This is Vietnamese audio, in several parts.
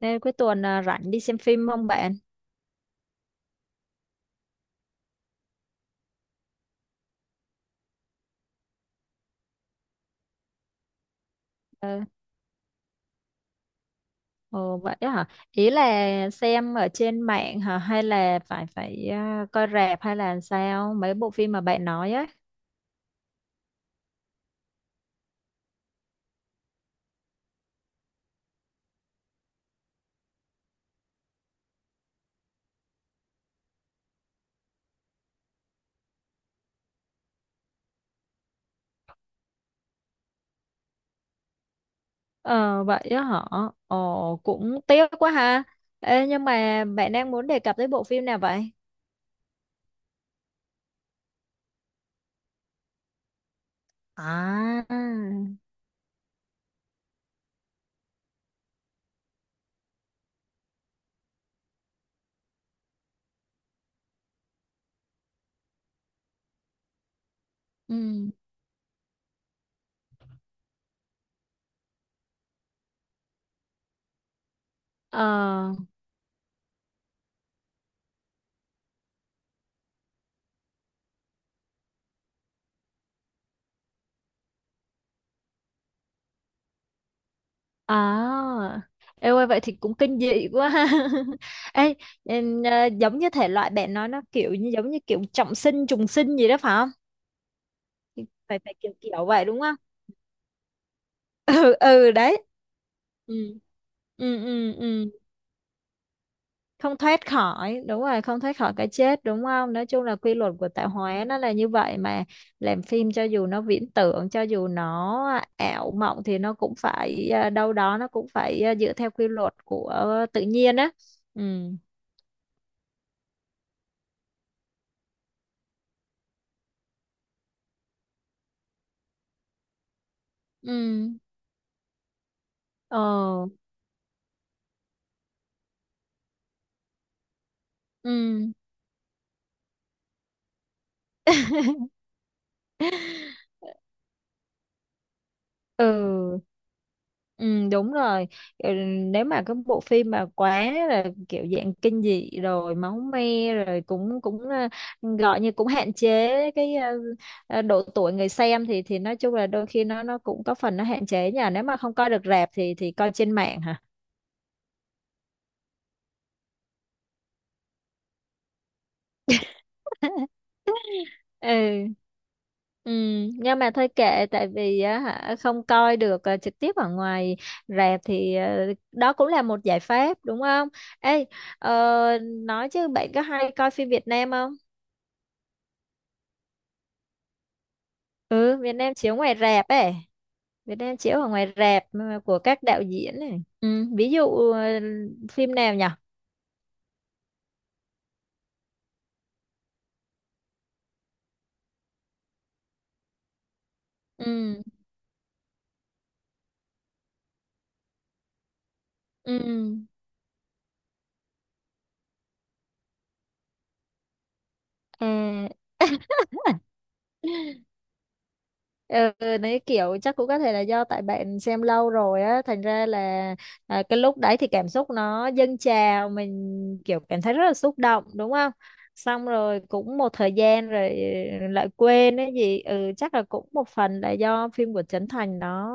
Nên cuối tuần à, rảnh đi xem phim không bạn? Ờ, ồ, vậy á hả? Ý là xem ở trên mạng hả? Hay là phải phải à, coi rạp hay là sao? Mấy bộ phim mà bạn nói á. Ờ, vậy á hả? Ồ, cũng tiếc quá ha. Ê, nhưng mà bạn đang muốn đề cập tới bộ phim nào vậy? À, ừ. Ờ, à. Ê ơi, vậy thì cũng kinh dị quá ha. Ê, em, giống như thể loại bạn nói nó kiểu như giống như kiểu trọng sinh trùng sinh gì đó phải không? Thì phải phải kiểu kiểu vậy đúng không? Ừ, ừ, đấy. Ừ, ừ, ừ. Ừ, không thoát khỏi, đúng rồi, không thoát khỏi cái chết, đúng không? Nói chung là quy luật của tạo hóa nó là như vậy mà. Làm phim cho dù nó viễn tưởng, cho dù nó ảo mộng thì nó cũng phải à, đâu đó nó cũng phải à, dựa theo quy luật của tự nhiên á. Ừ. Ừ. Ờ. Ừ. Ừ. Ừ, đúng rồi. Ừ, nếu mà cái bộ phim mà quá là kiểu dạng kinh dị rồi máu me rồi cũng cũng gọi như cũng hạn chế cái độ tuổi người xem thì nói chung là đôi khi nó cũng có phần nó hạn chế nhờ. Nếu mà không coi được rạp thì coi trên mạng hả? Ừ. Ừ, nhưng mà thôi kệ, tại vì á hả không coi được trực tiếp ở ngoài rạp thì ờ, đó cũng là một giải pháp, đúng không? Ê, ờ, nói chứ bạn có hay coi phim Việt Nam không? Ừ, Việt Nam chiếu ngoài rạp ấy. Việt Nam chiếu ở ngoài rạp của các đạo diễn này. Ừ, ví dụ ờ, phim nào nhỉ? Ừ, ừ. À. Ừ, nấy kiểu chắc cũng có thể là do tại bạn xem lâu rồi á, thành ra là à, cái lúc đấy thì cảm xúc nó dâng trào, mình kiểu cảm thấy rất là xúc động, đúng không? Xong rồi cũng một thời gian rồi ừ, lại quên cái gì. Ừ, chắc là cũng một phần là do phim của Trấn Thành nó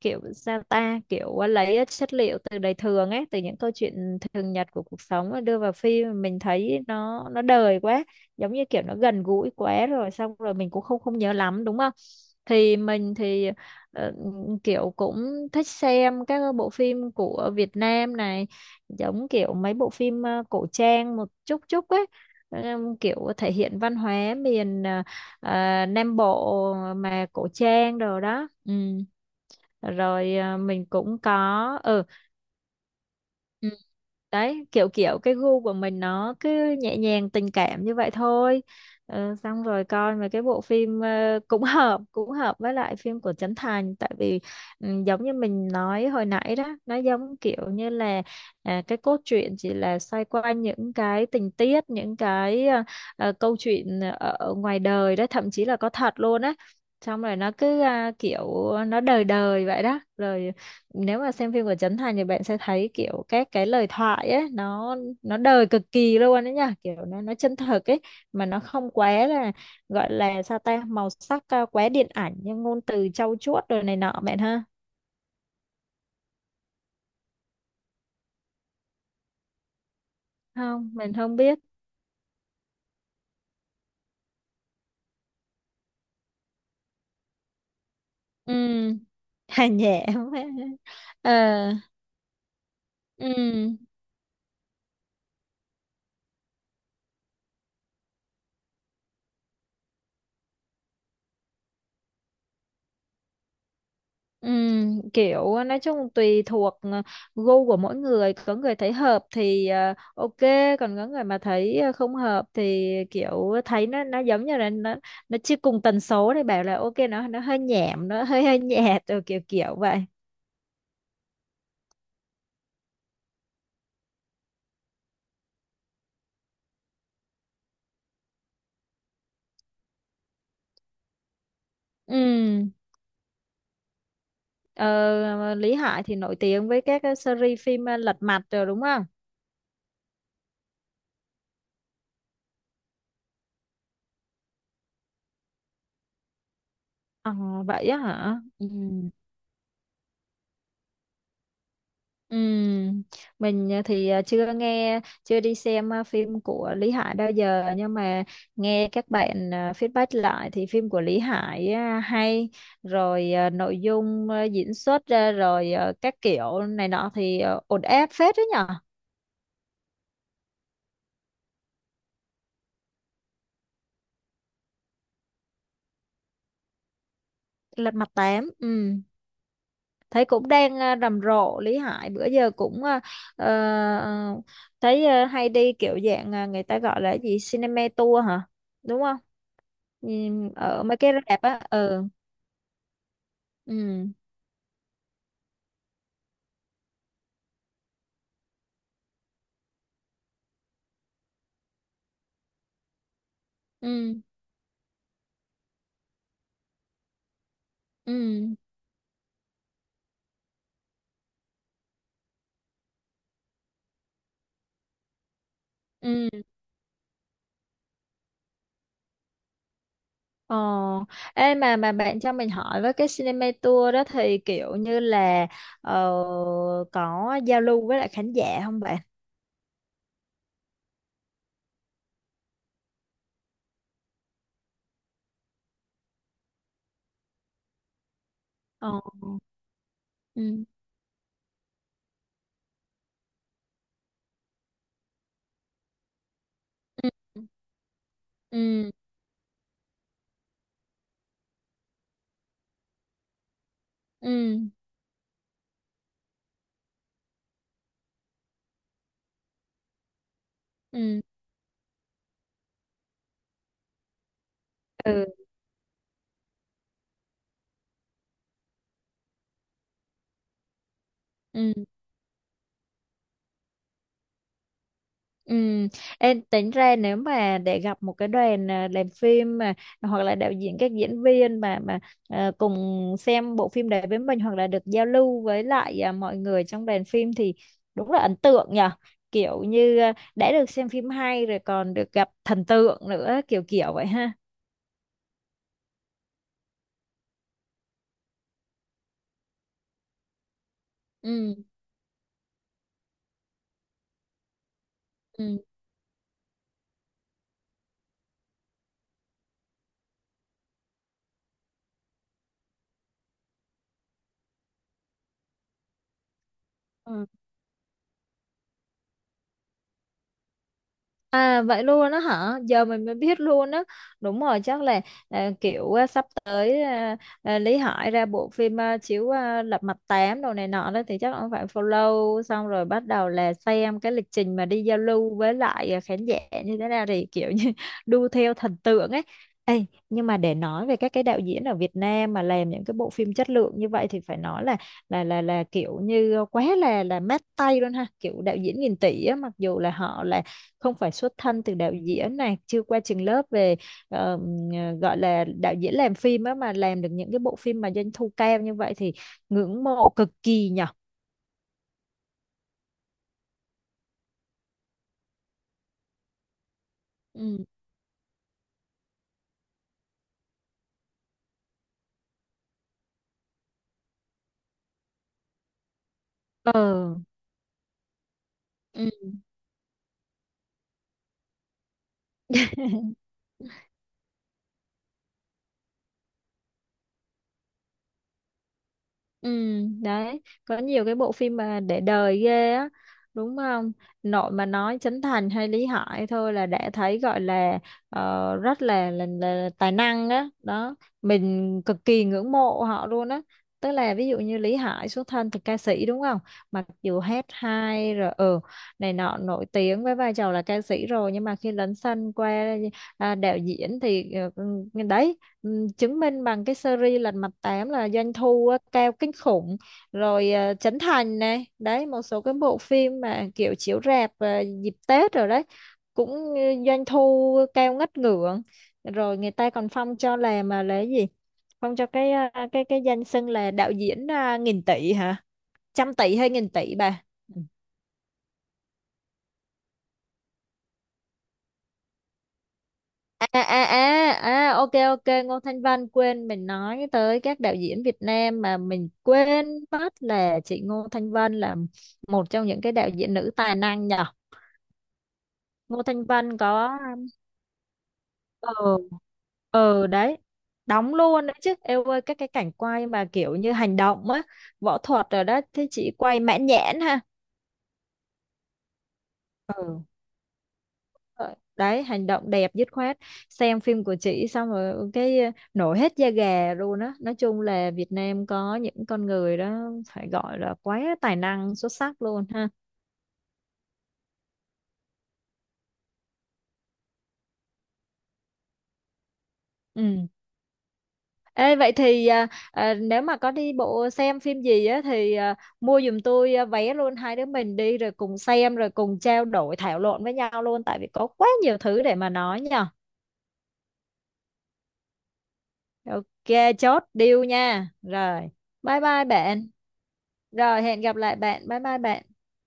kiểu sao ta, kiểu à, lấy à, chất liệu từ đời thường ấy, từ những câu chuyện thường nhật của cuộc sống mà đưa vào phim, mình thấy nó đời quá, giống như kiểu nó gần gũi quá rồi xong rồi mình cũng không không nhớ lắm, đúng không? Thì mình thì ờ, kiểu cũng thích xem các bộ phim của Việt Nam này, giống kiểu mấy bộ phim cổ trang một chút chút ấy. Kiểu thể hiện văn hóa miền Nam Bộ mà cổ trang đồ đó. Ừ, rồi à, mình cũng có. Ừ. Ừ, đấy kiểu kiểu cái gu của mình nó cứ nhẹ nhàng tình cảm như vậy thôi. Ờ, xong rồi coi mấy cái bộ phim cũng hợp, cũng hợp với lại phim của Trấn Thành, tại vì ừ, giống như mình nói hồi nãy đó, nó giống kiểu như là à, cái cốt truyện chỉ là xoay quanh những cái tình tiết, những cái câu chuyện ở ở ngoài đời đó, thậm chí là có thật luôn á. Xong rồi nó cứ à, kiểu nó đời đời vậy đó. Rồi nếu mà xem phim của Trấn Thành thì bạn sẽ thấy kiểu các cái lời thoại ấy nó đời cực kỳ luôn đấy nha, kiểu nó chân thực ấy, mà nó không quá là gọi là sao ta, màu sắc à, quá điện ảnh nhưng ngôn từ trau chuốt rồi này nọ bạn ha. Không, mình không biết. Ừ, hà nhẹ. Ờ. Ừ. Kiểu nói chung tùy thuộc gu của mỗi người, có người thấy hợp thì ờ, ok, còn có người mà thấy ờ, không hợp thì kiểu thấy nó giống như là nó chưa cùng tần số, thì bảo là ok nó hơi nhảm, nó hơi hơi nhạt rồi, kiểu kiểu vậy. Ừm, ờ, Lý Hải thì nổi tiếng với các cái series phim lật mặt rồi đúng không? Ờ, vậy á hả? Ừm. Ừm, mình à, thì à, chưa nghe chưa đi xem à, phim của Lý Hải bao giờ, nhưng mà nghe các bạn à, feedback lại thì phim của Lý Hải à, hay rồi à, nội dung à, diễn xuất ra rồi à, các kiểu này nọ thì à, ổn áp phết đấy nhở. Lật mặt tám thấy cũng đang à, rầm rộ. Lý Hải bữa giờ cũng à, ờ, ờ, thấy à, hay đi, kiểu dạng à, người ta gọi là gì, cinema tour hả, đúng không? Nhìn ở mấy cái rạp á. Ừ. Ừ, ừ, ừ, ừ. Ờ. Ê, mà bạn cho mình hỏi với, cái cinema tour đó thì kiểu như là ờ, có giao lưu với lại khán giả không bạn? Ờ. Ừ, ừ, ừ, ừ, ừ, ừ, ừ. Ừ, em tính ra nếu mà để gặp một cái đoàn à, làm phim mà hoặc là đạo diễn, các diễn viên mà à, cùng xem bộ phim đấy với mình, hoặc là được giao lưu với lại à, mọi người trong đoàn phim thì đúng là ấn tượng nhở. Kiểu như à, đã được xem phim hay rồi còn được gặp thần tượng nữa, kiểu kiểu vậy ha. Ừ. Ừ. Ừ. À vậy luôn á hả? Giờ mình mới biết luôn á. Đúng rồi, chắc là à, kiểu à, sắp tới à, à, Lý Hải ra bộ phim à, chiếu à, Lật Mặt tám đồ này nọ đó, thì chắc ông phải follow, xong rồi bắt đầu là xem cái lịch trình mà đi giao lưu với lại à, khán giả như thế nào, thì kiểu như đu theo thần tượng ấy. Ê, nhưng mà để nói về các cái đạo diễn ở Việt Nam mà làm những cái bộ phim chất lượng như vậy thì phải nói là kiểu như quá là mát tay luôn ha, kiểu đạo diễn nghìn tỷ á. Mặc dù là họ là không phải xuất thân từ đạo diễn này, chưa qua trường lớp về ờ, gọi là đạo diễn làm phim á, mà làm được những cái bộ phim mà doanh thu cao như vậy thì ngưỡng mộ cực kỳ nhở. Ừ. Ờ. Ừ. Ừ, đấy, có nhiều cái bộ phim mà để đời ghê á, đúng không? Nội mà nói Trấn Thành hay Lý Hải thôi là đã thấy gọi là ờ, rất là, tài năng á, đó. Mình cực kỳ ngưỡng mộ họ luôn á. Tức là ví dụ như Lý Hải xuất thân từ ca sĩ, đúng không? Mặc dù hát hay rồi ừ, này nọ, nổi tiếng với vai trò là ca sĩ rồi, nhưng mà khi lấn sân qua à, đạo diễn thì ừ, ừ, đấy, ừ, chứng minh bằng cái series Lật Mặt tám là doanh thu á, cao kinh khủng. Rồi ờ, Trấn Thành này đấy, một số cái bộ phim mà kiểu chiếu rạp dịp Tết rồi đấy cũng ờ, doanh thu cao ngất ngưỡng. Rồi người ta còn phong cho là mà là cái gì, phong cho cái ờ, cái danh xưng là đạo diễn nghìn tỷ hả, trăm tỷ hay nghìn tỷ bà. Ừ. À, à, à, à, à, ok, ok, Ngô Thanh Vân, quên, mình nói tới các đạo diễn Việt Nam mà mình quên mất là chị Ngô Thanh Vân là một trong những cái đạo diễn nữ tài năng nhở. Ngô Thanh Vân có ờ. Ờ, đấy, đóng luôn đấy chứ em ơi, các cái cảnh quay mà kiểu như hành động á, võ thuật rồi đó, thế chị quay mãn nhãn ha. Ừ. Ờ, đấy, hành động đẹp dứt khoát, xem phim của chị xong rồi ừ, cái ờ, nổi hết da gà luôn á. Nói chung là Việt Nam có những con người đó phải gọi là quá tài năng, xuất sắc luôn ha. Ừ. Ê, vậy thì à, à, nếu mà có đi bộ xem phim gì á thì à, mua giùm tôi à, vé luôn, hai đứa mình đi rồi cùng xem rồi cùng trao đổi thảo luận với nhau luôn, tại vì có quá nhiều thứ để mà nói nhờ. Ok, chốt deal nha. Rồi bye bye bạn. Rồi hẹn gặp lại bạn, bye bye bạn.